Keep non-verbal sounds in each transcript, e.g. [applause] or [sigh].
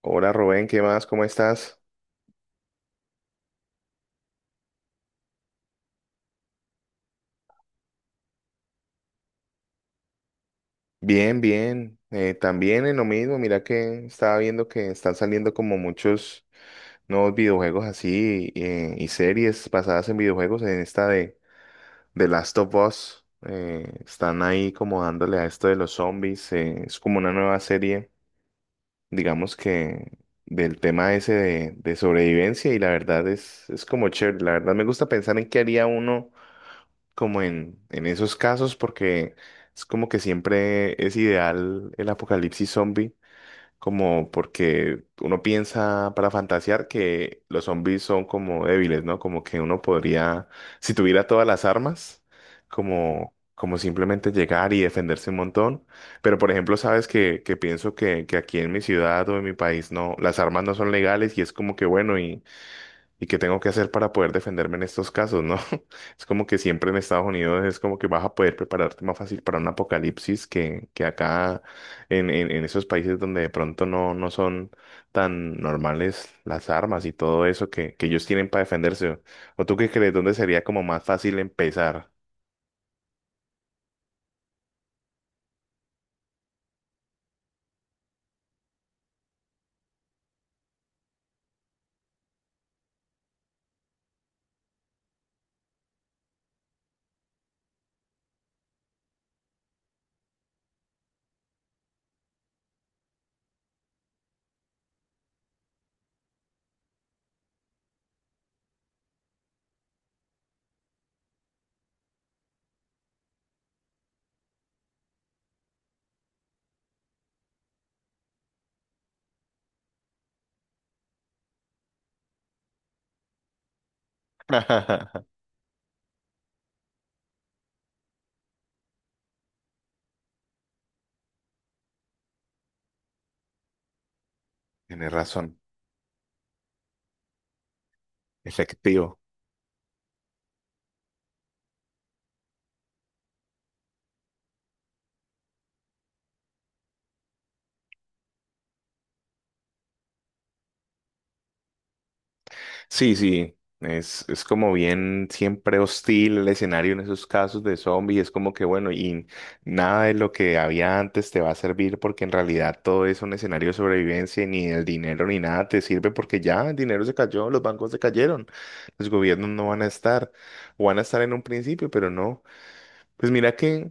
Hola Rubén, ¿qué más? ¿Cómo estás? Bien, bien. También en lo mismo, mira que estaba viendo que están saliendo como muchos nuevos videojuegos así y series basadas en videojuegos. En esta de The Last of Us, están ahí como dándole a esto de los zombies. Es como una nueva serie, digamos que del tema ese de sobrevivencia y la verdad es como chévere. La verdad me gusta pensar en qué haría uno como en esos casos porque es como que siempre es ideal el apocalipsis zombie, como porque uno piensa para fantasear que los zombies son como débiles, ¿no? Como que uno podría, si tuviera todas las armas, como simplemente llegar y defenderse un montón. Pero por ejemplo, sabes que pienso que aquí en mi ciudad o en mi país no, las armas no son legales y es como que bueno y ¿y qué tengo que hacer para poder defenderme en estos casos, no? [laughs] Es como que siempre en Estados Unidos es como que vas a poder prepararte más fácil para un apocalipsis que acá en esos países donde de pronto no, no son tan normales las armas y todo eso que ellos tienen para defenderse. ¿O tú qué crees? ¿Dónde sería como más fácil empezar? [laughs] Tienes razón, efectivo. Sí, sí, es como bien siempre hostil el escenario en esos casos de zombies, es como que bueno, y nada de lo que había antes te va a servir porque en realidad todo es un escenario de sobrevivencia y ni el dinero ni nada te sirve porque ya el dinero se cayó, los bancos se cayeron, los gobiernos no van a estar, o van a estar en un principio, pero no. Pues mira que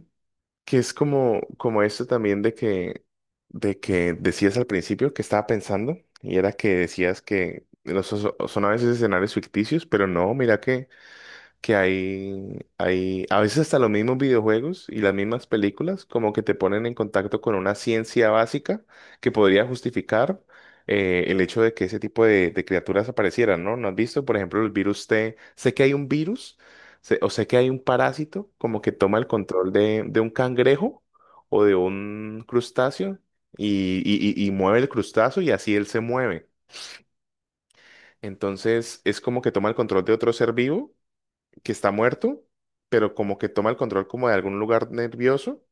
que es como, como esto también de que decías al principio que estaba pensando, y era que decías que los, son a veces escenarios ficticios, pero no, mira que hay, hay a veces hasta los mismos videojuegos y las mismas películas como que te ponen en contacto con una ciencia básica que podría justificar el hecho de que ese tipo de criaturas aparecieran, ¿no? ¿No has visto, por ejemplo, el virus T? Sé que hay un virus o sé que hay un parásito como que toma el control de un cangrejo o de un crustáceo y, y mueve el crustáceo y así él se mueve. Entonces es como que toma el control de otro ser vivo que está muerto, pero como que toma el control como de algún lugar nervioso,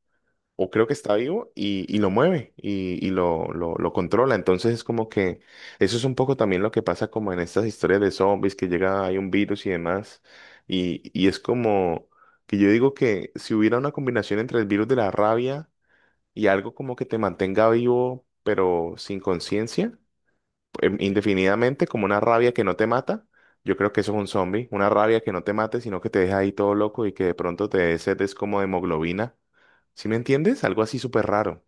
o creo que está vivo, y lo mueve y, y lo controla. Entonces es como que eso es un poco también lo que pasa como en estas historias de zombies, que llega, hay un virus y demás, y es como que yo digo que si hubiera una combinación entre el virus de la rabia y algo como que te mantenga vivo, pero sin conciencia, indefinidamente como una rabia que no te mata. Yo creo que eso es un zombie, una rabia que no te mate, sino que te deja ahí todo loco y que de pronto te dé sed, es como de hemoglobina. ¿Sí me entiendes? Algo así súper raro.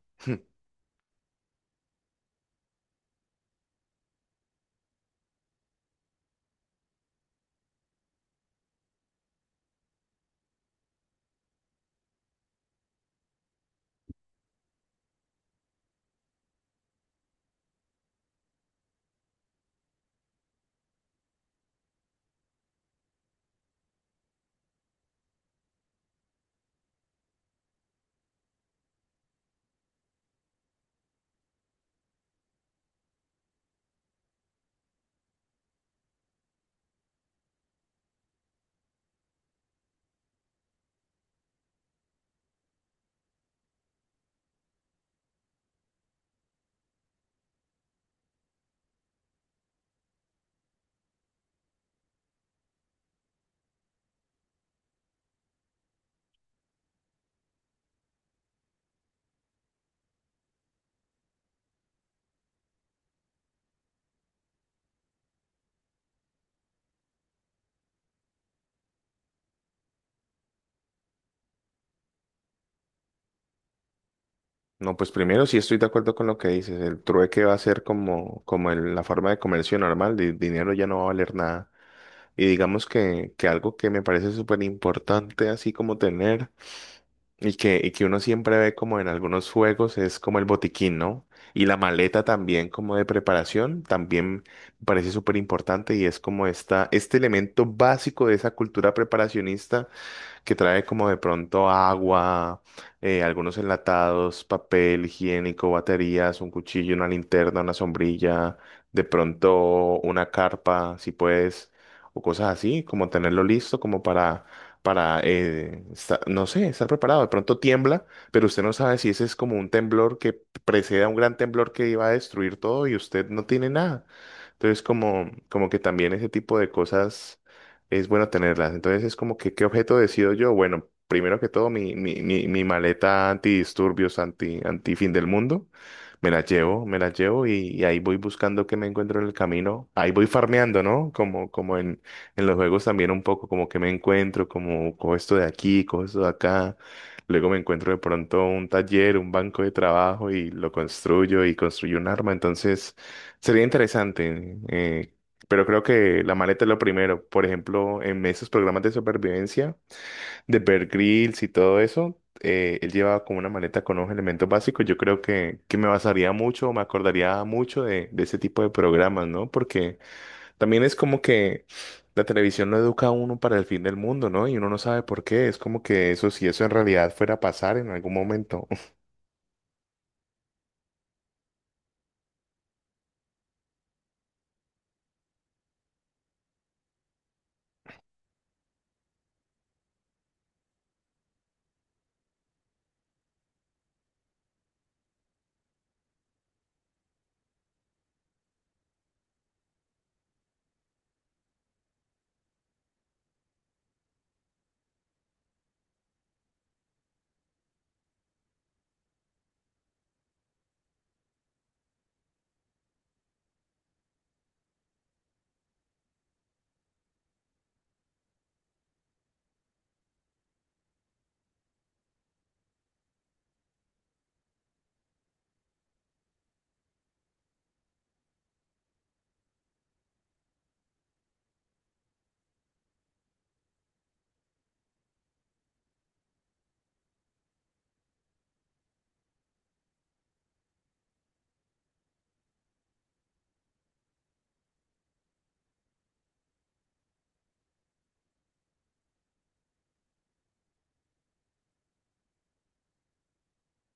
No, pues primero sí estoy de acuerdo con lo que dices. El trueque va a ser como, como la forma de comercio normal. El dinero ya no va a valer nada. Y digamos que algo que me parece súper importante, así como tener. Y que uno siempre ve como en algunos juegos es como el botiquín, ¿no? Y la maleta también como de preparación, también me parece súper importante y es como esta, este elemento básico de esa cultura preparacionista que trae como de pronto agua, algunos enlatados, papel higiénico, baterías, un cuchillo, una linterna, una sombrilla, de pronto una carpa, si puedes, o cosas así, como tenerlo listo como para no sé, estar preparado. De pronto tiembla, pero usted no sabe si ese es como un temblor que precede a un gran temblor que iba a destruir todo y usted no tiene nada. Entonces, como, como que también ese tipo de cosas es bueno tenerlas. Entonces es como que, ¿qué objeto decido yo? Bueno, primero que todo, mi maleta antidisturbios, anti fin del mundo. Me la llevo y ahí voy buscando qué me encuentro en el camino. Ahí voy farmeando, ¿no? Como, como en los juegos también un poco, como que me encuentro, como cojo esto de aquí, cojo esto de acá. Luego me encuentro de pronto un taller, un banco de trabajo y lo construyo y construyo un arma. Entonces, sería interesante. Pero creo que la maleta es lo primero. Por ejemplo, en esos programas de supervivencia de Bear Grylls y todo eso, él llevaba como una maleta con unos elementos básicos. Yo creo que me basaría mucho, me acordaría mucho de ese tipo de programas, ¿no? Porque también es como que la televisión lo educa a uno para el fin del mundo, ¿no? Y uno no sabe por qué. Es como que eso, si eso en realidad fuera a pasar en algún momento.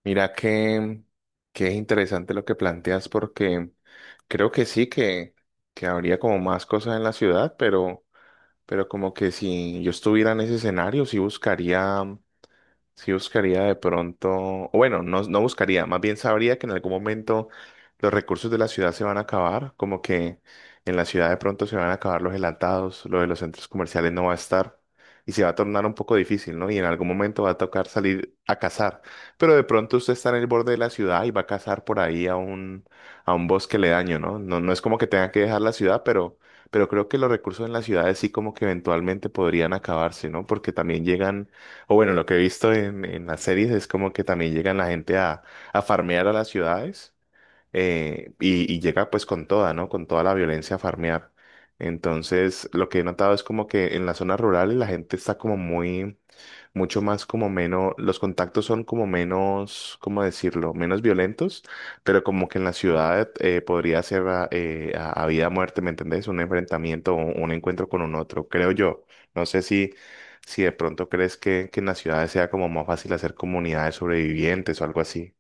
Mira que es interesante lo que planteas porque creo que sí que habría como más cosas en la ciudad, pero como que si yo estuviera en ese escenario, sí buscaría. Sí buscaría de pronto, o bueno, no, no buscaría, más bien sabría que en algún momento los recursos de la ciudad se van a acabar, como que en la ciudad de pronto se van a acabar los enlatados, lo de los centros comerciales no va a estar y se va a tornar un poco difícil, ¿no? Y en algún momento va a tocar salir a cazar, pero de pronto usted está en el borde de la ciudad y va a cazar por ahí a a un bosque ledaño, ¿no? No, no es como que tenga que dejar la ciudad, pero creo que los recursos en las ciudades sí como que eventualmente podrían acabarse, ¿no? Porque también llegan o bueno, lo que he visto en las series es como que también llegan la gente a farmear a las ciudades y llega pues con toda, ¿no? Con toda la violencia a farmear. Entonces, lo que he notado es como que en las zonas rurales la gente está como muy, mucho más como menos, los contactos son como menos, ¿cómo decirlo? Menos violentos, pero como que en la ciudad podría ser a vida o muerte, ¿me entendés? Un enfrentamiento, o un encuentro con un otro, creo yo. No sé si de pronto crees que en las ciudades sea como más fácil hacer comunidades sobrevivientes o algo así.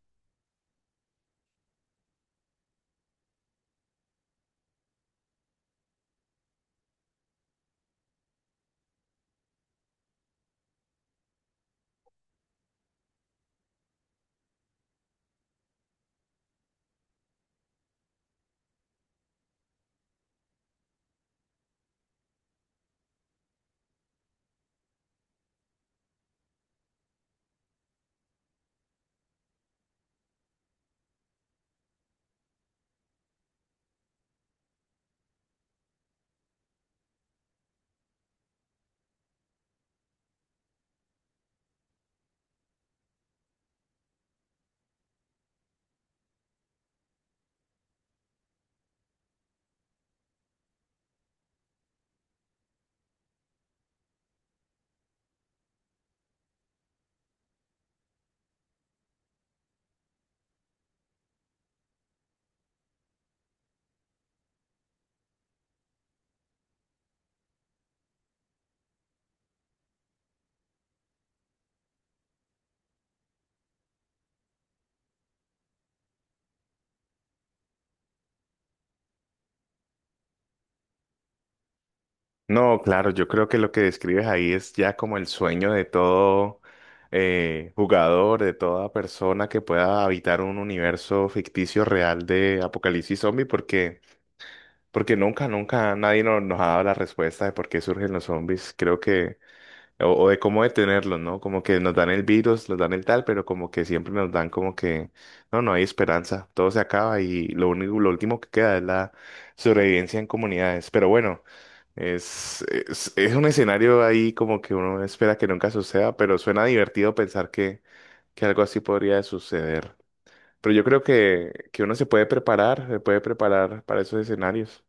No, claro, yo creo que lo que describes ahí es ya como el sueño de todo jugador, de toda persona que pueda habitar un universo ficticio real de apocalipsis zombie, porque, porque nunca, nunca nadie nos ha dado la respuesta de por qué surgen los zombies, creo que, o de cómo detenerlos, ¿no? Como que nos dan el virus, nos dan el tal, pero como que siempre nos dan como que, no, no hay esperanza, todo se acaba y lo único, lo último que queda es la sobrevivencia en comunidades, pero bueno. Es un escenario ahí como que uno espera que nunca suceda, pero suena divertido pensar que algo así podría suceder. Pero yo creo que uno se puede preparar para esos escenarios.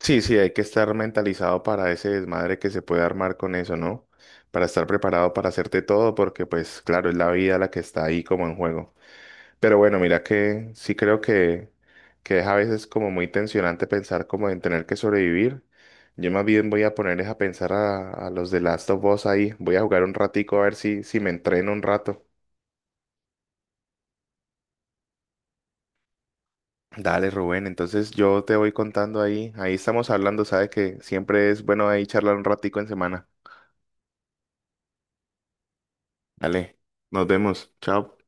Sí, sí, hay que estar mentalizado para ese desmadre que se puede armar con eso, ¿no? Para estar preparado para hacerte todo, porque pues claro, es la vida la que está ahí como en juego. Pero bueno, mira que sí creo que es a veces como muy tensionante pensar como en tener que sobrevivir. Yo más bien voy a poner es a pensar a los de Last of Us ahí. Voy a jugar un ratico a ver si me entreno un rato. Dale, Rubén. Entonces yo te voy contando ahí. Ahí estamos hablando. Sabes que siempre es bueno ahí charlar un ratico en semana. Dale, nos vemos. Chao.